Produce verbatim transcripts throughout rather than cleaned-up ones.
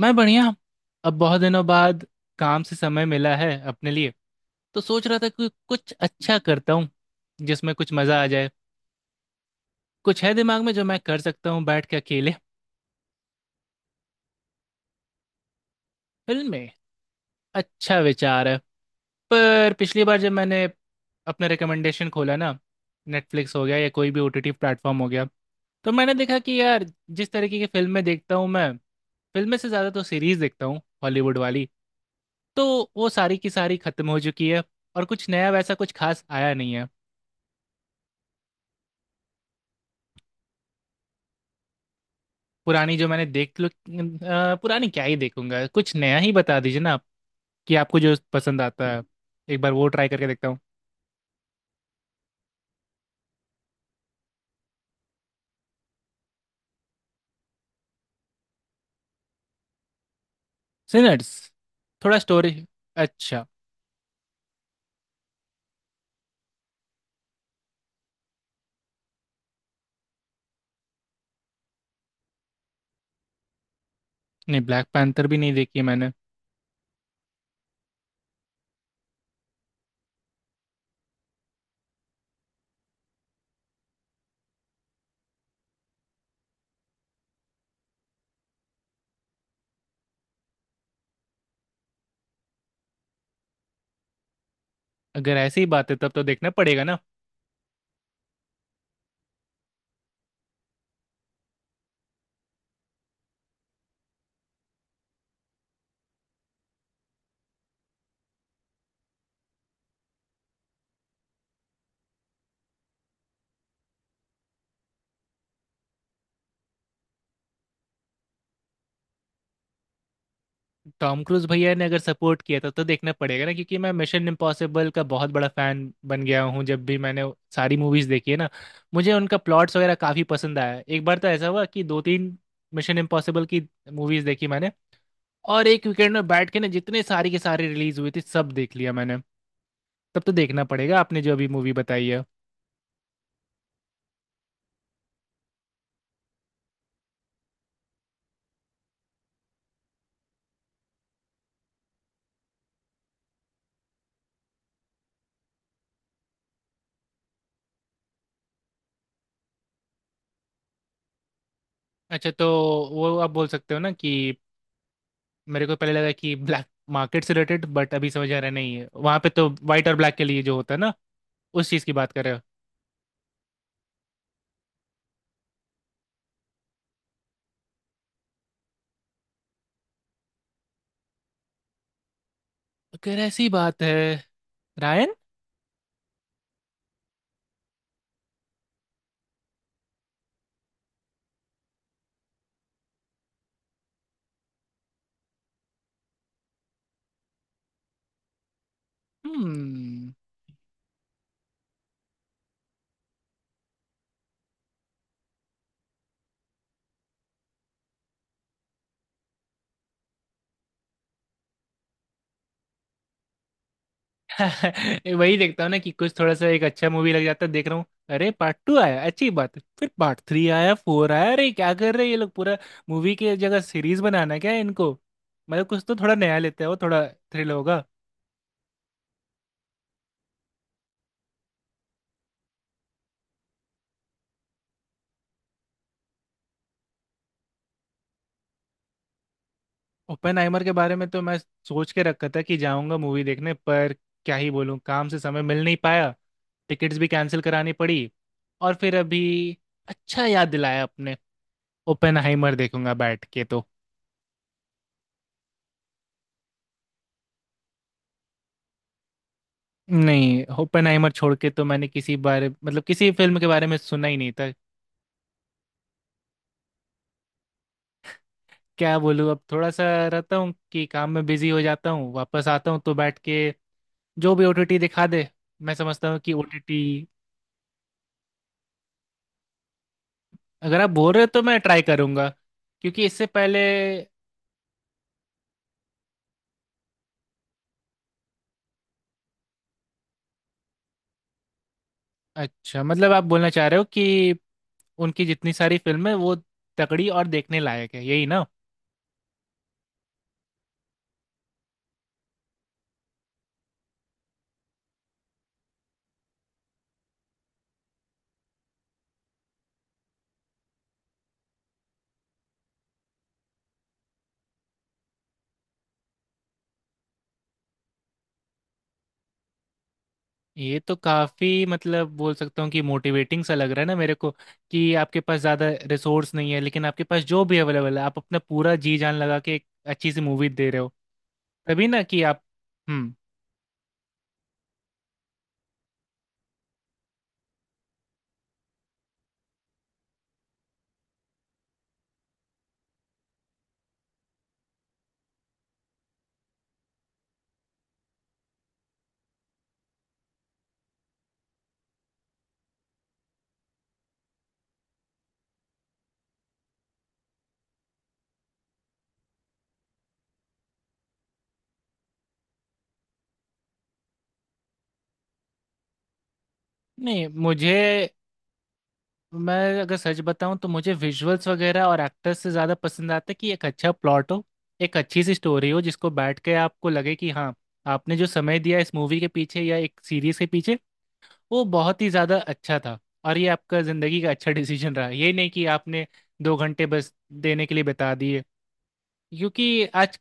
मैं बढ़िया। अब बहुत दिनों बाद काम से समय मिला है अपने लिए, तो सोच रहा था कि कुछ अच्छा करता हूँ जिसमें कुछ मजा आ जाए। कुछ है दिमाग में जो मैं कर सकता हूँ बैठ के अकेले। फिल्में, अच्छा विचार है। पर पिछली बार जब मैंने अपना रिकमेंडेशन खोला ना, नेटफ्लिक्स हो गया या कोई भी ओटीटी प्लेटफॉर्म हो गया, तो मैंने देखा कि यार, जिस तरीके की फिल्में देखता हूँ मैं, फिल्में से ज़्यादा तो सीरीज़ देखता हूँ हॉलीवुड वाली, तो वो सारी की सारी खत्म हो चुकी है और कुछ नया वैसा कुछ खास आया नहीं है। पुरानी जो मैंने देख लो अ, पुरानी क्या ही देखूंगा, कुछ नया ही बता दीजिए ना आप, कि आपको जो पसंद आता है। एक बार वो ट्राई करके देखता हूँ। सिनर्स? थोड़ा स्टोरी। अच्छा। नहीं, ब्लैक पैंथर भी नहीं देखी है मैंने। अगर ऐसी ही बात है तब तो देखना पड़ेगा ना। टॉम क्रूज भैया ने अगर सपोर्ट किया था तो देखना पड़ेगा ना, क्योंकि मैं मिशन इम्पॉसिबल का बहुत बड़ा फैन बन गया हूँ। जब भी मैंने सारी मूवीज देखी है ना, मुझे उनका प्लॉट्स वगैरह काफी पसंद आया। एक बार तो ऐसा हुआ कि दो तीन मिशन इम्पॉसिबल की मूवीज देखी मैंने, और एक वीकेंड में बैठ के ना जितने सारी के सारी रिलीज हुई थी सब देख लिया मैंने। तब तो देखना पड़ेगा आपने जो अभी मूवी बताई है। अच्छा, तो वो आप बोल सकते हो ना कि, मेरे को पहले लगा कि ब्लैक मार्केट से रिलेटेड, बट अभी समझ आ रहा है, नहीं है, वहां पे तो वाइट और ब्लैक के लिए जो होता है ना। उस चीज की बात कर रहे हो। अगर ऐसी बात है। रायन। हम्म। वही देखता हूँ ना कि कुछ थोड़ा सा एक अच्छा मूवी लग जाता है देख रहा हूँ। अरे, पार्ट टू आया, अच्छी बात है, फिर पार्ट थ्री आया, फोर आया, अरे क्या कर रहे हैं ये लोग पूरा! मूवी की जगह सीरीज बनाना है क्या इनको? मतलब कुछ तो थोड़ा नया लेते हैं, वो थोड़ा थ्रिल होगा। ओपेनहाइमर के बारे में तो मैं सोच के रखा था कि जाऊंगा मूवी देखने, पर क्या ही बोलूं, काम से समय मिल नहीं पाया। टिकट्स भी कैंसिल करानी पड़ी, और फिर अभी अच्छा याद दिलाया आपने। ओपेनहाइमर देखूंगा बैठ के तो। नहीं, ओपेनहाइमर छोड़ के तो मैंने किसी बारे, मतलब किसी फिल्म के बारे में सुना ही नहीं था। क्या बोलूं, अब थोड़ा सा रहता हूँ कि काम में बिजी हो जाता हूँ, वापस आता हूँ तो बैठ के जो भी ओटीटी दिखा दे, मैं समझता हूँ कि ओटीटी। अगर आप बोल रहे हो तो मैं ट्राई करूंगा, क्योंकि इससे पहले। अच्छा मतलब आप बोलना चाह रहे हो कि उनकी जितनी सारी फिल्में हैं, वो तगड़ी और देखने लायक है, यही ना। ये तो काफी मतलब बोल सकता हूँ कि मोटिवेटिंग सा लग रहा है ना मेरे को, कि आपके पास ज्यादा रिसोर्स नहीं है, लेकिन आपके पास जो भी अवेलेबल है आप अपना पूरा जी जान लगा के एक अच्छी सी मूवी दे रहे हो। तभी ना कि आप। हम्म। नहीं, मुझे, मैं अगर सच बताऊं तो मुझे विजुअल्स वगैरह और एक्टर्स से ज़्यादा पसंद आता है कि एक अच्छा प्लॉट हो, एक अच्छी सी स्टोरी हो जिसको बैठ के आपको लगे कि हाँ, आपने जो समय दिया इस मूवी के पीछे या एक सीरीज के पीछे, वो बहुत ही ज़्यादा अच्छा था, और ये आपका ज़िंदगी का अच्छा डिसीजन रहा, ये नहीं कि आपने दो घंटे बस देने के लिए बता दिए। क्योंकि आज।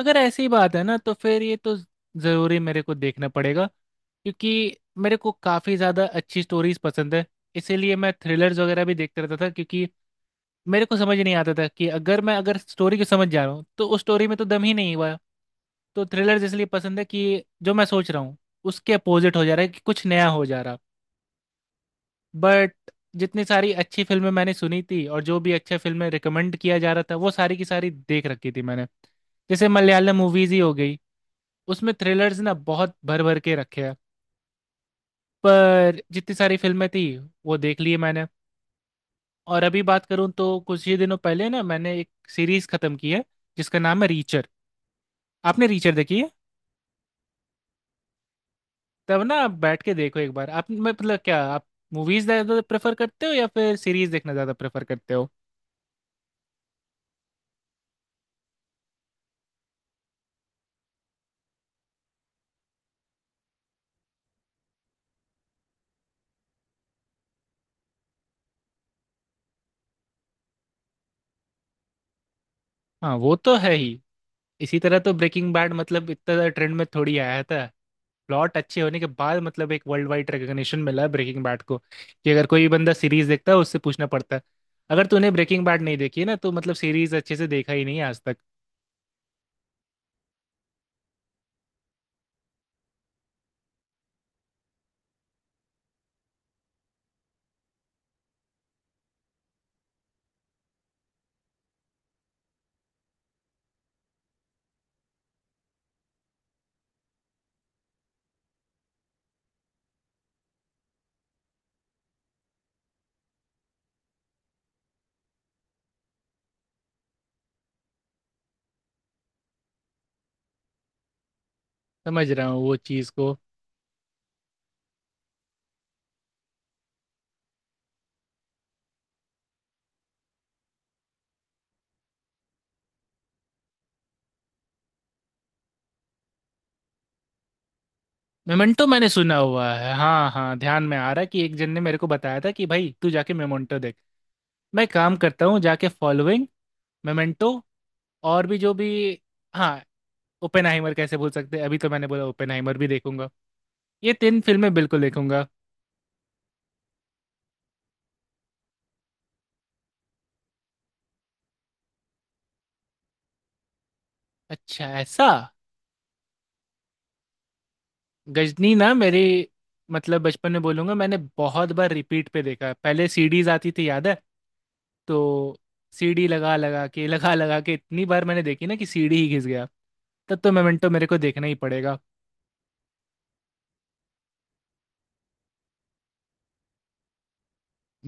अगर ऐसी बात है ना तो फिर ये तो ज़रूरी मेरे को देखना पड़ेगा, क्योंकि मेरे को काफ़ी ज़्यादा अच्छी स्टोरीज पसंद है। इसीलिए मैं थ्रिलर्स वगैरह भी देखते रहता था, क्योंकि मेरे को समझ नहीं आता था कि अगर मैं, अगर स्टोरी को समझ जा रहा हूँ तो उस स्टोरी में तो दम ही नहीं हुआ। तो थ्रिलर्स इसलिए पसंद है कि जो मैं सोच रहा हूँ उसके अपोजिट हो जा रहा है, कि कुछ नया हो जा रहा। बट जितनी सारी अच्छी फिल्में मैंने सुनी थी और जो भी अच्छे फिल्में रिकमेंड किया जा रहा था, वो सारी की सारी देख रखी थी मैंने। जैसे मलयालम मूवीज ही हो गई, उसमें थ्रिलर्स ना बहुत भर भर के रखे हैं, पर जितनी सारी फिल्में थी वो देख ली है मैंने। और अभी बात करूं तो कुछ ही दिनों पहले ना मैंने एक सीरीज खत्म की है जिसका नाम है रीचर। आपने रीचर देखी है? तब ना आप बैठ के देखो एक बार आप, मैं मतलब क्या आप मूवीज ज्यादा प्रेफर करते हो या फिर सीरीज देखना ज्यादा प्रेफर करते हो? हाँ, वो तो है ही। इसी तरह तो ब्रेकिंग बैड, मतलब इतना ज्यादा ट्रेंड में थोड़ी आया था, प्लॉट अच्छे होने के बाद मतलब एक वर्ल्ड वाइड रिकग्निशन मिला है ब्रेकिंग बैड को, कि अगर कोई बंदा सीरीज देखता है उससे पूछना पड़ता है, अगर तूने ब्रेकिंग बैड नहीं देखी है ना तो मतलब सीरीज अच्छे से देखा ही नहीं है आज तक। समझ रहा हूँ वो चीज़ को। मेमेंटो मैंने सुना हुआ है, हाँ हाँ, ध्यान में आ रहा है कि एक जन ने मेरे को बताया था कि भाई तू जाके मेमेंटो देख। मैं काम करता हूँ, जाके फॉलोइंग, मेमेंटो, और भी जो भी, हाँ, ओपेनहाइमर कैसे भूल सकते हैं, अभी तो मैंने बोला ओपेनहाइमर भी देखूंगा। ये तीन फिल्में बिल्कुल देखूंगा। अच्छा, ऐसा। गजनी ना मेरी, मतलब बचपन में बोलूंगा, मैंने बहुत बार रिपीट पे देखा है। पहले सीडीज आती थी याद है? तो सीडी लगा लगा के लगा लगा के इतनी बार मैंने देखी ना कि सीडी ही घिस गया। तब तो मोमेंटो मेरे को देखना ही पड़ेगा।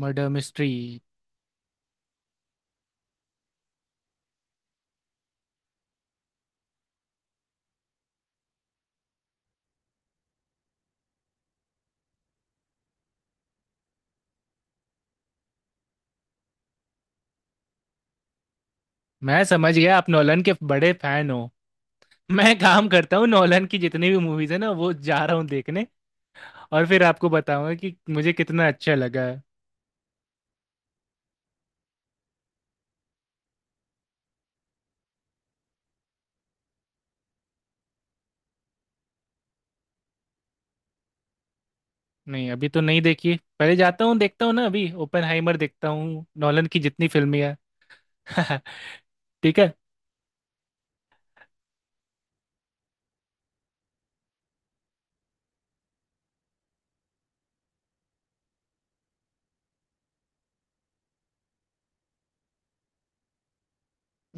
Murder mystery? मैं समझ गया, आप नोलन के बड़े फैन हो। मैं काम करता हूँ, नोलन की जितनी भी मूवीज है ना वो जा रहा हूँ देखने, और फिर आपको बताऊंगा कि मुझे कितना अच्छा लगा। नहीं अभी तो नहीं देखी, पहले जाता हूँ देखता हूँ ना, अभी ओपेनहाइमर देखता हूँ, नॉलन की जितनी फिल्में हैं। ठीक है।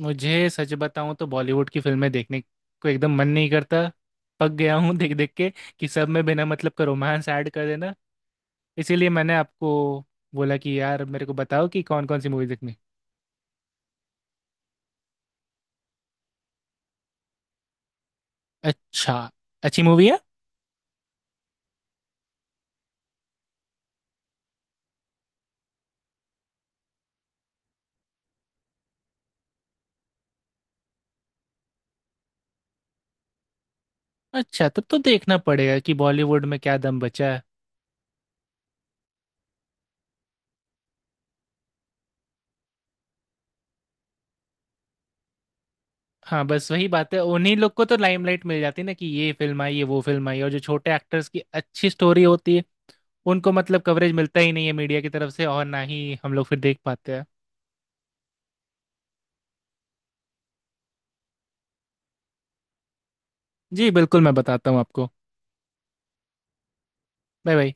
मुझे सच बताऊँ तो बॉलीवुड की फिल्में देखने को एकदम मन नहीं करता, पक गया हूँ देख देख के कि सब में बिना मतलब का रोमांस ऐड कर देना। इसीलिए मैंने आपको बोला कि यार मेरे को बताओ कि कौन कौन सी मूवी देखनी। अच्छा, अच्छी मूवी है। अच्छा, तब तो देखना पड़ेगा कि बॉलीवुड में क्या दम बचा है। हाँ, बस वही बात है, उन्हीं लोग को तो लाइमलाइट मिल जाती है ना कि ये फिल्म आई, ये वो फिल्म आई, और जो छोटे एक्टर्स की अच्छी स्टोरी होती है उनको मतलब कवरेज मिलता ही नहीं है मीडिया की तरफ से, और ना ही हम लोग फिर देख पाते हैं। जी, बिल्कुल मैं बताता हूँ आपको। Bye bye.